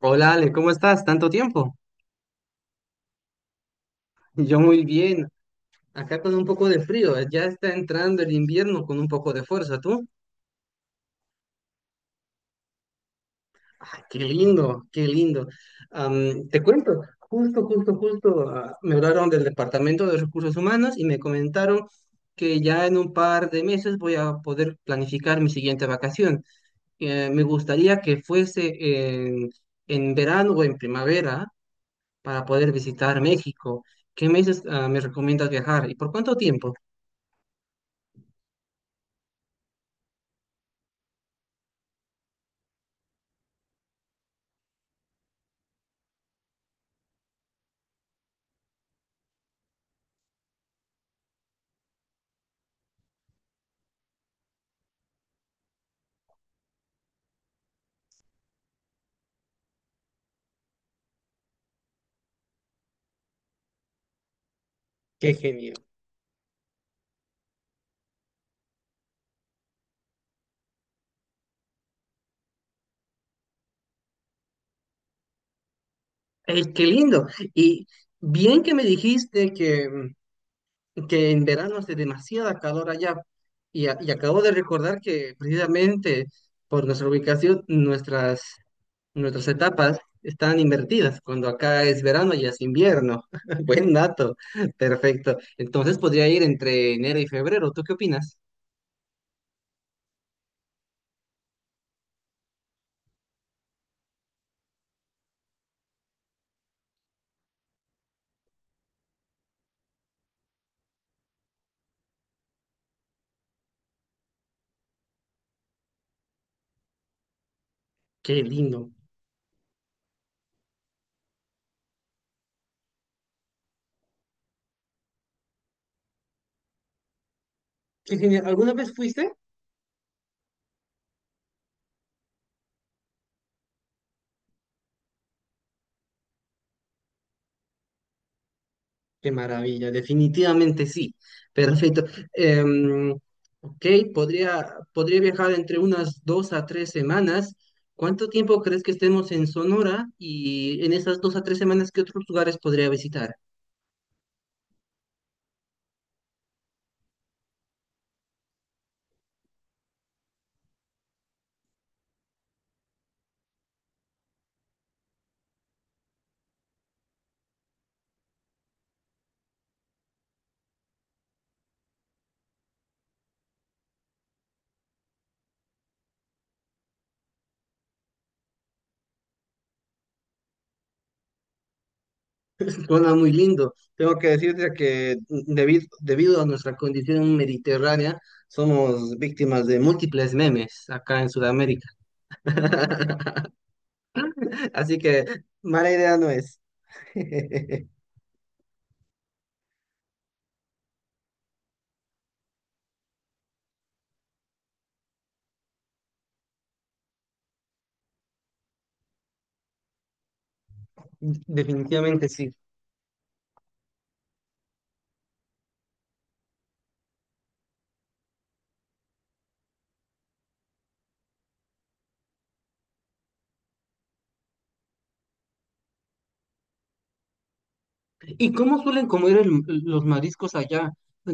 Hola Ale, ¿cómo estás? ¿Tanto tiempo? Yo muy bien, acá con un poco de frío, ya está entrando el invierno con un poco de fuerza, ¿tú? Ah, qué lindo, qué lindo. Te cuento, justo, me hablaron del Departamento de Recursos Humanos y me comentaron que ya en un par de meses voy a poder planificar mi siguiente vacación. Me gustaría que fuese en verano o en primavera para poder visitar México. ¿Qué meses, me recomiendas viajar y por cuánto tiempo? Qué genial. Ey, qué lindo. Y bien que me dijiste que en verano hace demasiada calor allá. Y acabo de recordar que precisamente por nuestra ubicación, nuestras etapas están invertidas. Cuando acá es verano, allá es invierno. Buen dato. Perfecto. Entonces podría ir entre enero y febrero. ¿Tú qué opinas? Qué lindo. Qué genial. ¿Alguna vez fuiste? Qué maravilla, definitivamente sí. Perfecto. Em, ok, podría viajar entre unas dos a tres semanas. ¿Cuánto tiempo crees que estemos en Sonora? Y en esas dos a tres semanas, ¿qué otros lugares podría visitar? Suena muy lindo. Tengo que decirte que debido a nuestra condición mediterránea, somos víctimas de múltiples memes acá en Sudamérica. Así que mala idea no es. Definitivamente sí. ¿Y cómo suelen comer los mariscos allá?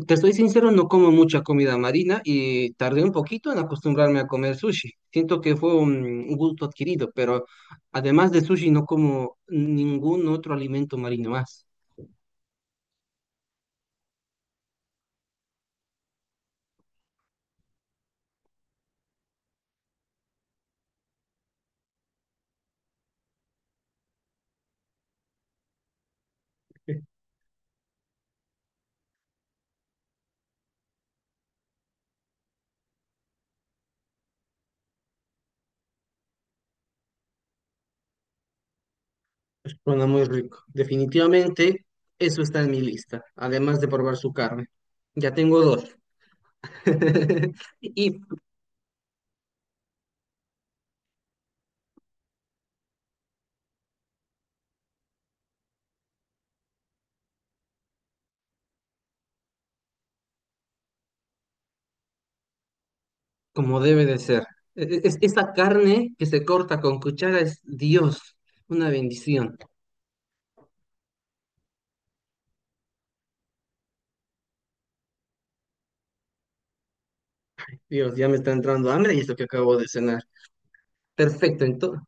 Te estoy sincero, no como mucha comida marina y tardé un poquito en acostumbrarme a comer sushi. Siento que fue un gusto adquirido, pero además de sushi no como ningún otro alimento marino más. Suena muy rico. Definitivamente eso está en mi lista, además de probar su carne. Ya tengo dos. Y como debe de ser, esa carne que se corta con cuchara es Dios, una bendición. Dios, ya me está entrando hambre y esto que acabo de cenar. Perfecto, entonces.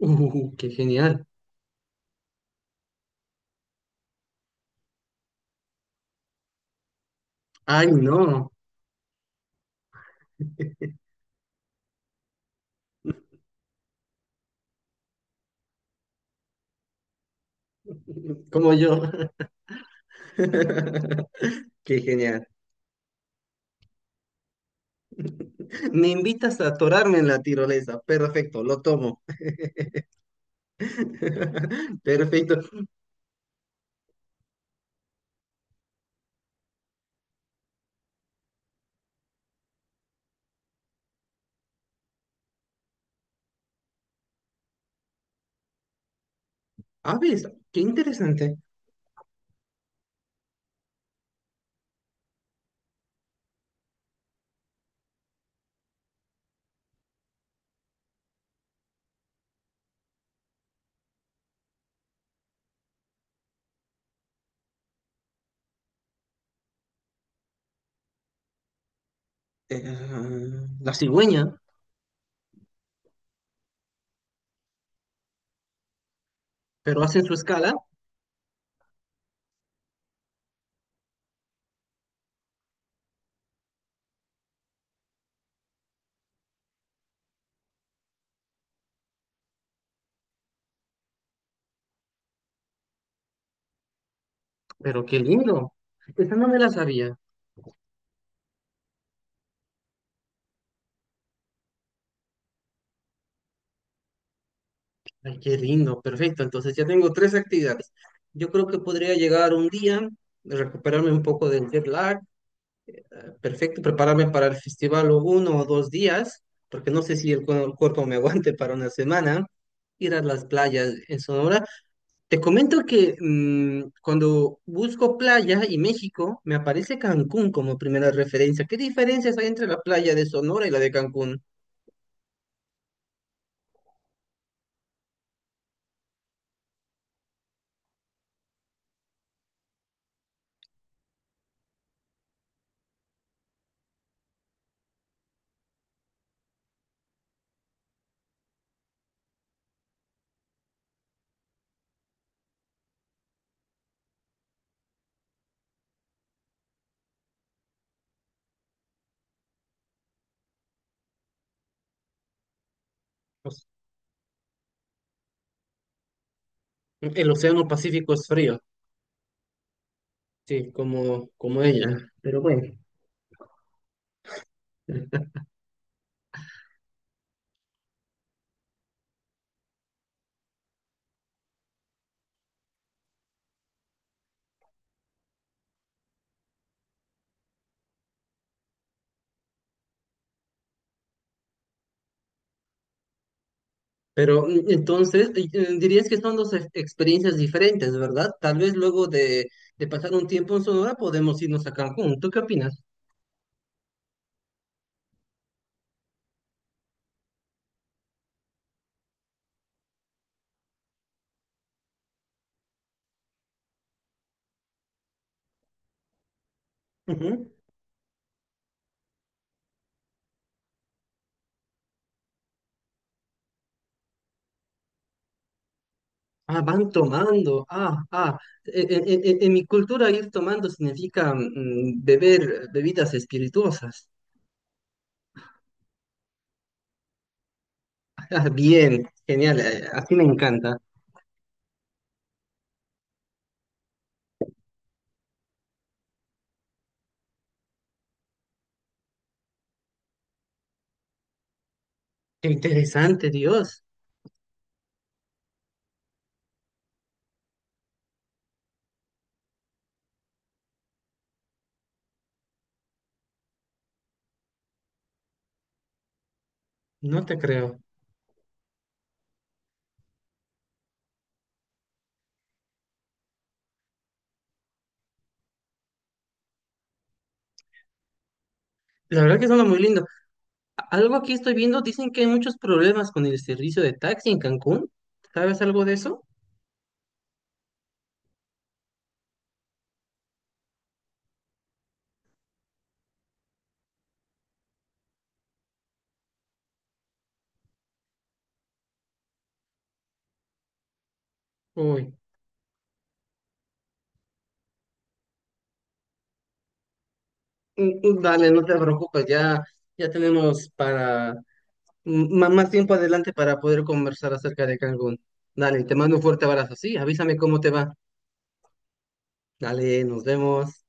Qué genial. Ay, no, como yo. Qué genial. Me invitas a atorarme en la tirolesa. Perfecto, lo tomo. Perfecto. Ah, ves, qué interesante. Eh, la cigüeña, pero hacen su escala. Pero qué lindo. Esa no me la sabía. Ay, qué lindo. Perfecto. Entonces ya tengo tres actividades. Yo creo que podría llegar un día, recuperarme un poco del jet lag, perfecto, prepararme para el festival o uno o dos días, porque no sé si el cuerpo me aguante para una semana, ir a las playas en Sonora. Te comento que cuando busco playa y México, me aparece Cancún como primera referencia. ¿Qué diferencias hay entre la playa de Sonora y la de Cancún? Pues, el océano Pacífico es frío, sí, como ella, pero bueno. Pero entonces dirías que son dos experiencias diferentes, ¿verdad? Tal vez luego de pasar un tiempo en Sonora podemos irnos a Cancún. ¿Tú qué opinas? Ujú. Ah, van tomando. Ah, ah. En mi cultura ir tomando significa beber bebidas espirituosas. Ah, bien, genial. Así me encanta. Qué interesante, Dios. No te creo. La verdad que suena muy lindo. Algo aquí estoy viendo, dicen que hay muchos problemas con el servicio de taxi en Cancún. ¿Sabes algo de eso? Uy, dale, no te preocupes, ya tenemos para más tiempo adelante para poder conversar acerca de Cancún. Dale, te mando un fuerte abrazo. Sí, avísame cómo te va. Dale, nos vemos.